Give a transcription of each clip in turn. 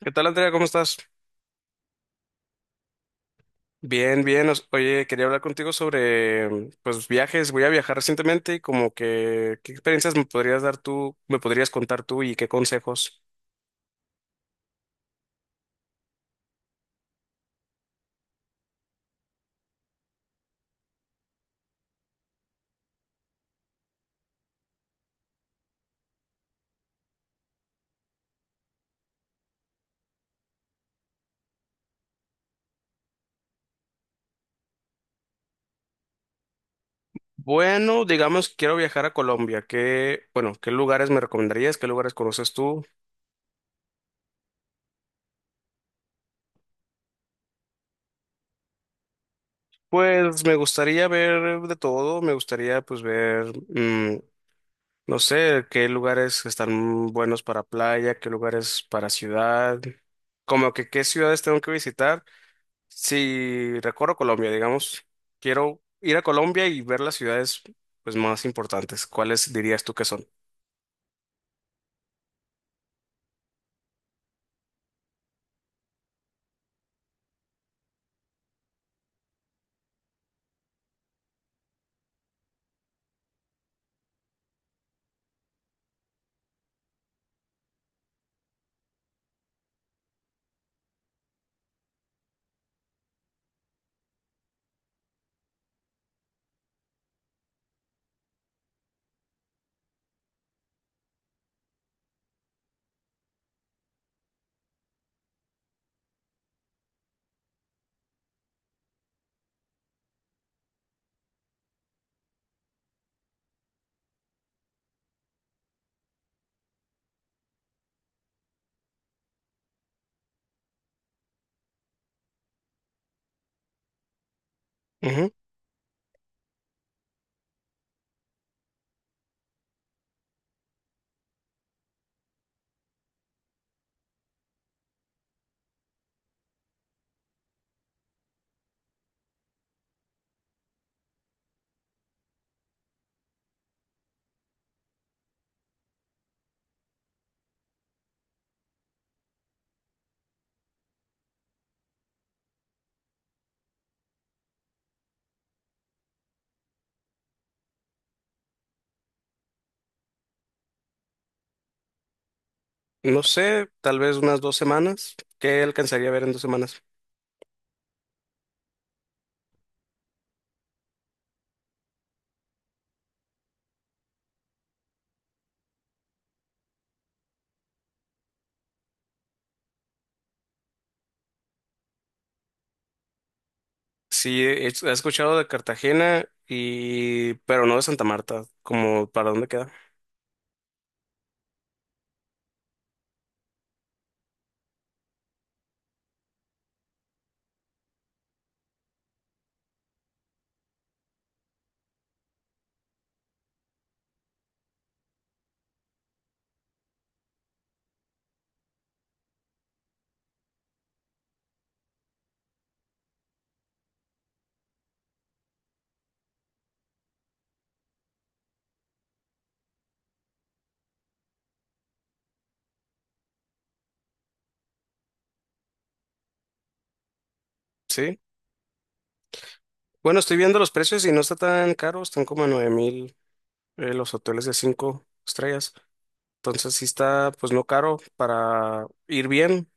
¿Qué tal, Andrea? ¿Cómo estás? Bien, bien. Oye, quería hablar contigo sobre, pues, viajes. Voy a viajar recientemente y como que, ¿qué experiencias me podrías dar tú, me podrías contar tú y qué consejos? Bueno, digamos que quiero viajar a Colombia. ¿Qué, bueno, qué lugares me recomendarías? ¿Qué lugares conoces tú? Pues me gustaría ver de todo. Me gustaría, pues, ver, mm, no sé, qué lugares están buenos para playa, qué lugares para ciudad. Como que qué ciudades tengo que visitar. Si recorro Colombia, digamos, quiero ir a Colombia y ver las ciudades pues más importantes. ¿Cuáles dirías tú que son? Ujú. No sé, tal vez unas 2 semanas. ¿Qué alcanzaría a ver en 2 semanas? Sí, he escuchado de Cartagena y pero no de Santa Marta, como para dónde queda. Sí. Bueno, estoy viendo los precios y no está tan caro, están como a 9.000, los hoteles de cinco estrellas. Entonces sí está pues no caro para ir bien.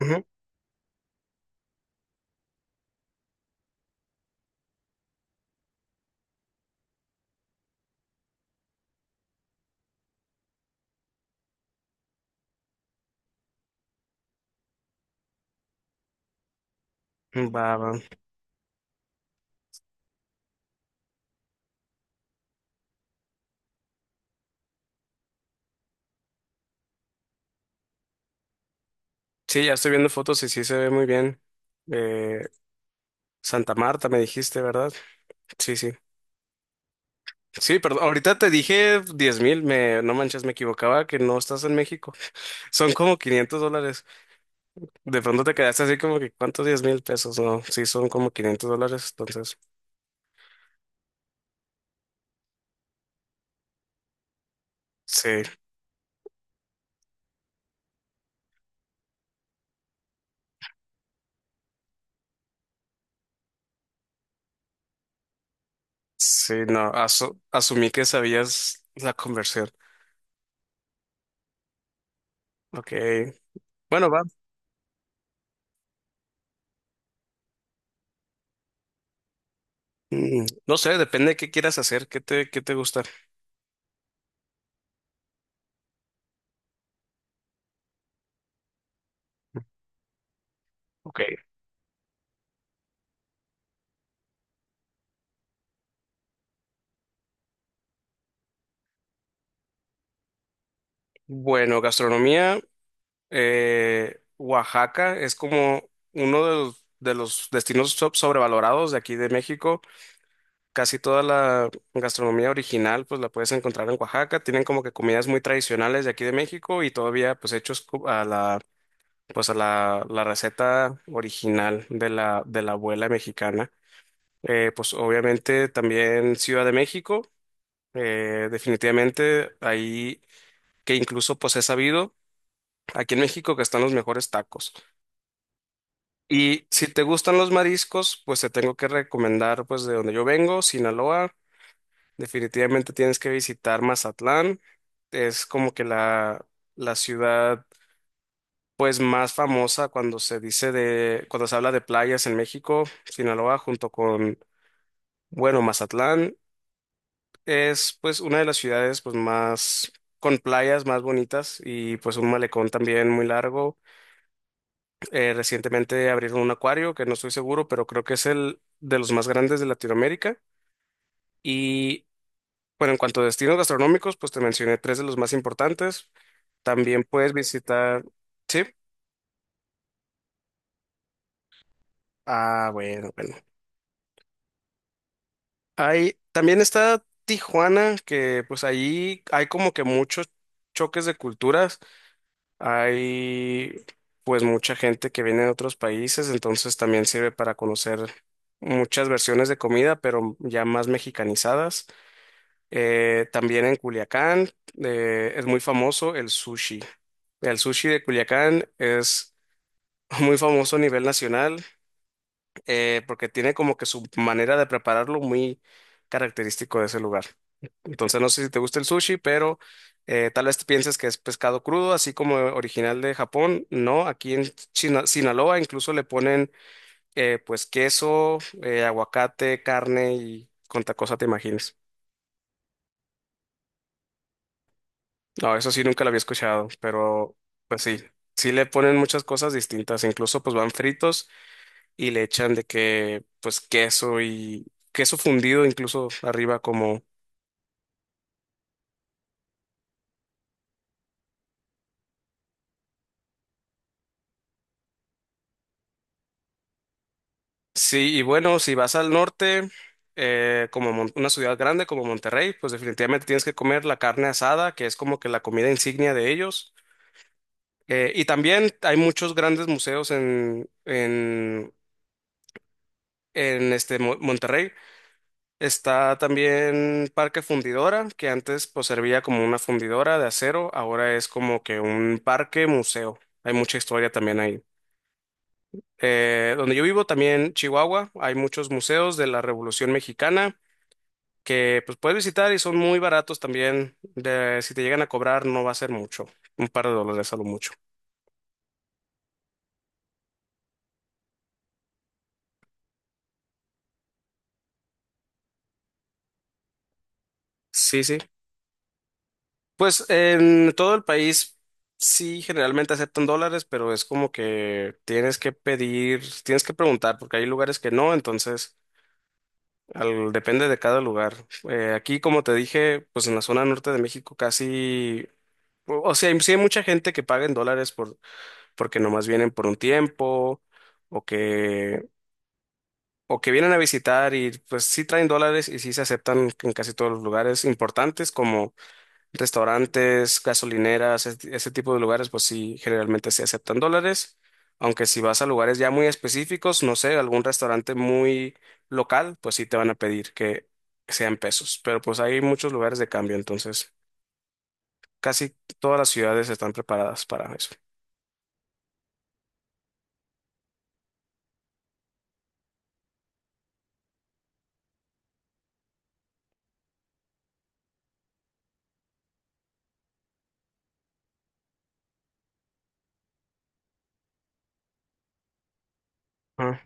Ujú. Va, va. Sí, ya estoy viendo fotos y sí se ve muy bien. Eh, Santa Marta me dijiste, ¿verdad? Sí, sí. Sí, perdón, ahorita te dije 10.000, no manches, me equivocaba que no estás en México. Son como $500. De pronto te quedaste así como que, ¿cuántos $10.000? No, sí, son como $500, entonces, sí, sí, no, asumí que sabías la conversión. Ok, bueno, va. No sé, depende de qué quieras hacer, qué te gusta. Ok, bueno, gastronomía, Oaxaca es como uno de los destinos sobrevalorados de aquí de México. Casi toda la gastronomía original pues la puedes encontrar en Oaxaca. Tienen como que comidas muy tradicionales de aquí de México y todavía pues hechos a la receta original de la abuela mexicana. Pues obviamente también Ciudad de México, definitivamente ahí que incluso pues he sabido aquí en México que están los mejores tacos. Y si te gustan los mariscos, pues te tengo que recomendar pues de donde yo vengo, Sinaloa. Definitivamente tienes que visitar Mazatlán. Es como que la ciudad pues más famosa cuando se dice cuando se habla de playas en México, Sinaloa, junto con, bueno, Mazatlán, es pues una de las ciudades pues más con playas más bonitas y pues un malecón también muy largo. Recientemente abrieron un acuario que no estoy seguro, pero creo que es el de los más grandes de Latinoamérica. Y bueno, en cuanto a destinos gastronómicos, pues te mencioné tres de los más importantes. También puedes visitar, ¿sí? Ah, bueno, bueno. Hay, también está Tijuana, que pues ahí hay como que muchos choques de culturas. Hay pues mucha gente que viene de otros países, entonces también sirve para conocer muchas versiones de comida, pero ya más mexicanizadas. También en Culiacán, es muy famoso el sushi. El sushi de Culiacán es muy famoso a nivel nacional, porque tiene como que su manera de prepararlo muy característico de ese lugar. Entonces no sé si te gusta el sushi, pero tal vez pienses que es pescado crudo, así como original de Japón. No, aquí en Sinaloa incluso le ponen, pues queso, aguacate, carne y cuánta cosa te imagines. No, eso sí nunca lo había escuchado, pero pues sí, sí le ponen muchas cosas distintas, incluso pues van fritos y le echan de que pues queso y queso fundido incluso arriba como sí, y bueno, si vas al norte, como una ciudad grande como Monterrey, pues definitivamente tienes que comer la carne asada, que es como que la comida insignia de ellos. Y también hay muchos grandes museos en, en este Monterrey. Está también Parque Fundidora, que antes pues servía como una fundidora de acero, ahora es como que un parque museo. Hay mucha historia también ahí. Donde yo vivo también, Chihuahua, hay muchos museos de la Revolución Mexicana que pues puedes visitar y son muy baratos también. Si te llegan a cobrar no va a ser mucho, un par de dólares a lo mucho. Sí, sí. Pues en todo el país sí generalmente aceptan dólares, pero es como que tienes que pedir, tienes que preguntar, porque hay lugares que no, entonces depende de cada lugar. Aquí, como te dije, pues en la zona norte de México casi, o sea, sí hay mucha gente que paga en dólares por, porque nomás vienen por un tiempo o que, o que vienen a visitar y pues sí traen dólares y sí se aceptan en casi todos los lugares importantes como restaurantes, gasolineras, ese tipo de lugares, pues sí, generalmente se aceptan dólares, aunque si vas a lugares ya muy específicos, no sé, algún restaurante muy local, pues sí te van a pedir que sean pesos, pero pues hay muchos lugares de cambio, entonces casi todas las ciudades están preparadas para eso. Ah.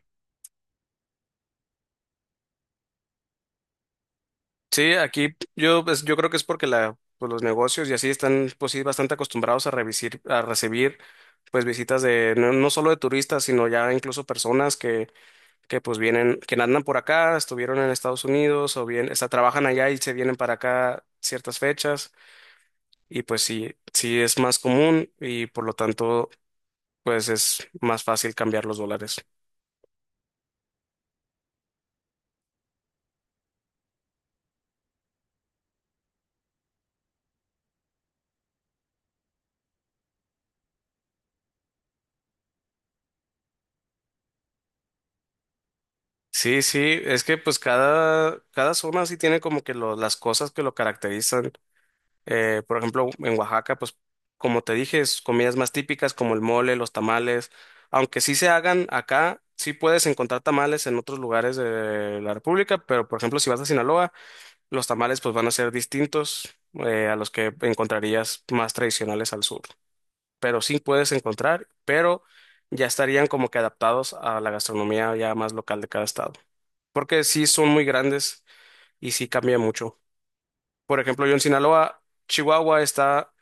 Sí, aquí yo, pues, yo creo que es porque la, pues, los negocios y así están, pues sí, bastante acostumbrados a a recibir pues visitas de no, no solo de turistas, sino ya incluso personas que pues vienen, que andan por acá, estuvieron en Estados Unidos o bien, está, trabajan allá y se vienen para acá ciertas fechas y pues sí, sí es más común y por lo tanto pues es más fácil cambiar los dólares. Sí, sí, es que pues cada zona sí tiene como que las cosas que lo caracterizan. Por ejemplo, en Oaxaca, pues como te dije, es comidas más típicas como el mole, los tamales, aunque sí se hagan acá, sí puedes encontrar tamales en otros lugares de la República, pero por ejemplo, si vas a Sinaloa, los tamales pues van a ser distintos, a los que encontrarías más tradicionales al sur, pero sí puedes encontrar, pero ya estarían como que adaptados a la gastronomía ya más local de cada estado, porque sí son muy grandes y sí cambia mucho. Por ejemplo, yo en Sinaloa, Chihuahua está,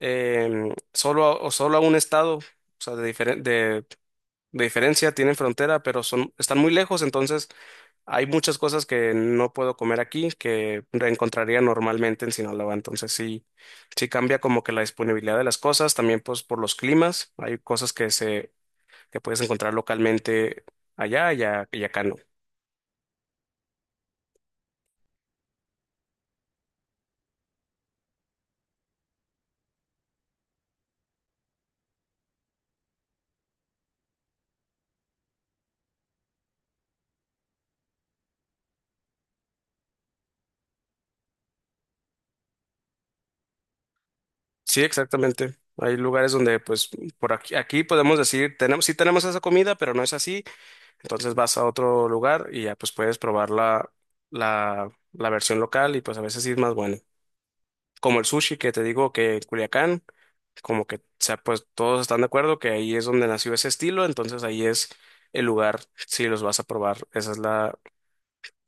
solo, o solo a un estado, o sea, de, de diferencia, tienen frontera, pero son, están muy lejos, entonces hay muchas cosas que no puedo comer aquí que encontraría normalmente en Sinaloa, entonces sí, sí cambia como que la disponibilidad de las cosas, también pues por los climas, hay cosas que se, que puedes encontrar localmente allá y, y acá no. Sí, exactamente. Hay lugares donde, pues, por aquí, aquí podemos decir, tenemos, sí tenemos esa comida, pero no es así. Entonces vas a otro lugar y ya pues puedes probar la, la versión local y pues a veces sí es más bueno. Como el sushi que te digo que en Culiacán, como que, o sea, pues todos están de acuerdo que ahí es donde nació ese estilo, entonces ahí es el lugar si los vas a probar. Esa es la,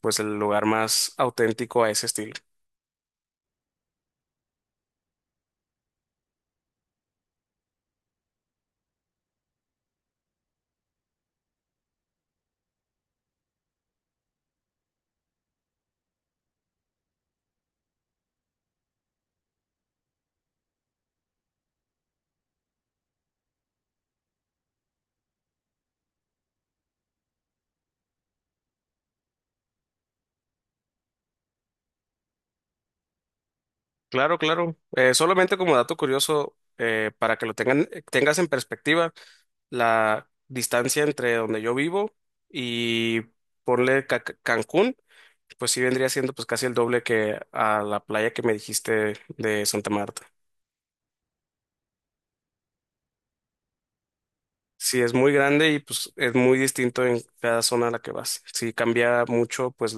pues el lugar más auténtico a ese estilo. Claro, claro. Solamente como dato curioso, para que lo tengan, tengas en perspectiva, la distancia entre donde yo vivo y ponle Cancún. Pues sí vendría siendo pues casi el doble que a la playa que me dijiste de Santa Marta. Sí, es muy grande y pues es muy distinto en cada zona a la que vas. Sí, cambia mucho pues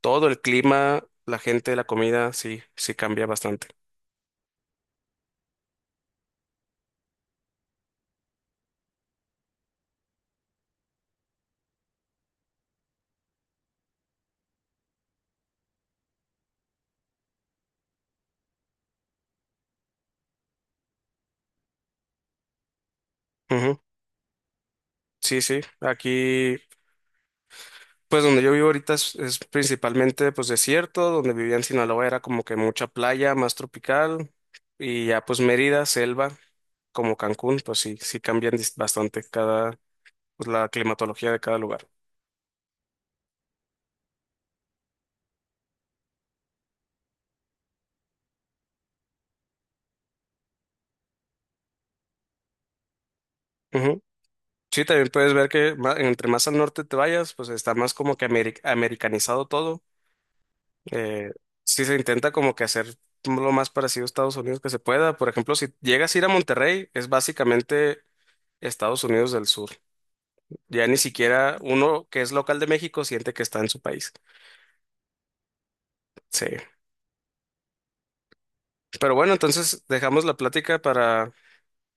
todo el clima, la gente, la comida, sí, sí cambia bastante. Ujú. Sí, sí, aquí pues donde yo vivo ahorita es, principalmente pues desierto, donde vivía en Sinaloa era como que mucha playa, más tropical y ya pues Mérida, selva, como Cancún, pues sí, sí cambian bastante. Cada, pues, la climatología de cada lugar. Ujú. Sí, también puedes ver que entre más al norte te vayas, pues está más como que americanizado todo. Eh, sí se intenta como que hacer lo más parecido a Estados Unidos que se pueda. Por ejemplo, si llegas a ir a Monterrey, es básicamente Estados Unidos del Sur. Ya ni siquiera uno que es local de México siente que está en su país. Sí. Pero bueno, entonces dejamos la plática para,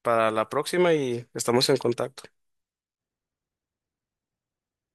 para la próxima y estamos en contacto.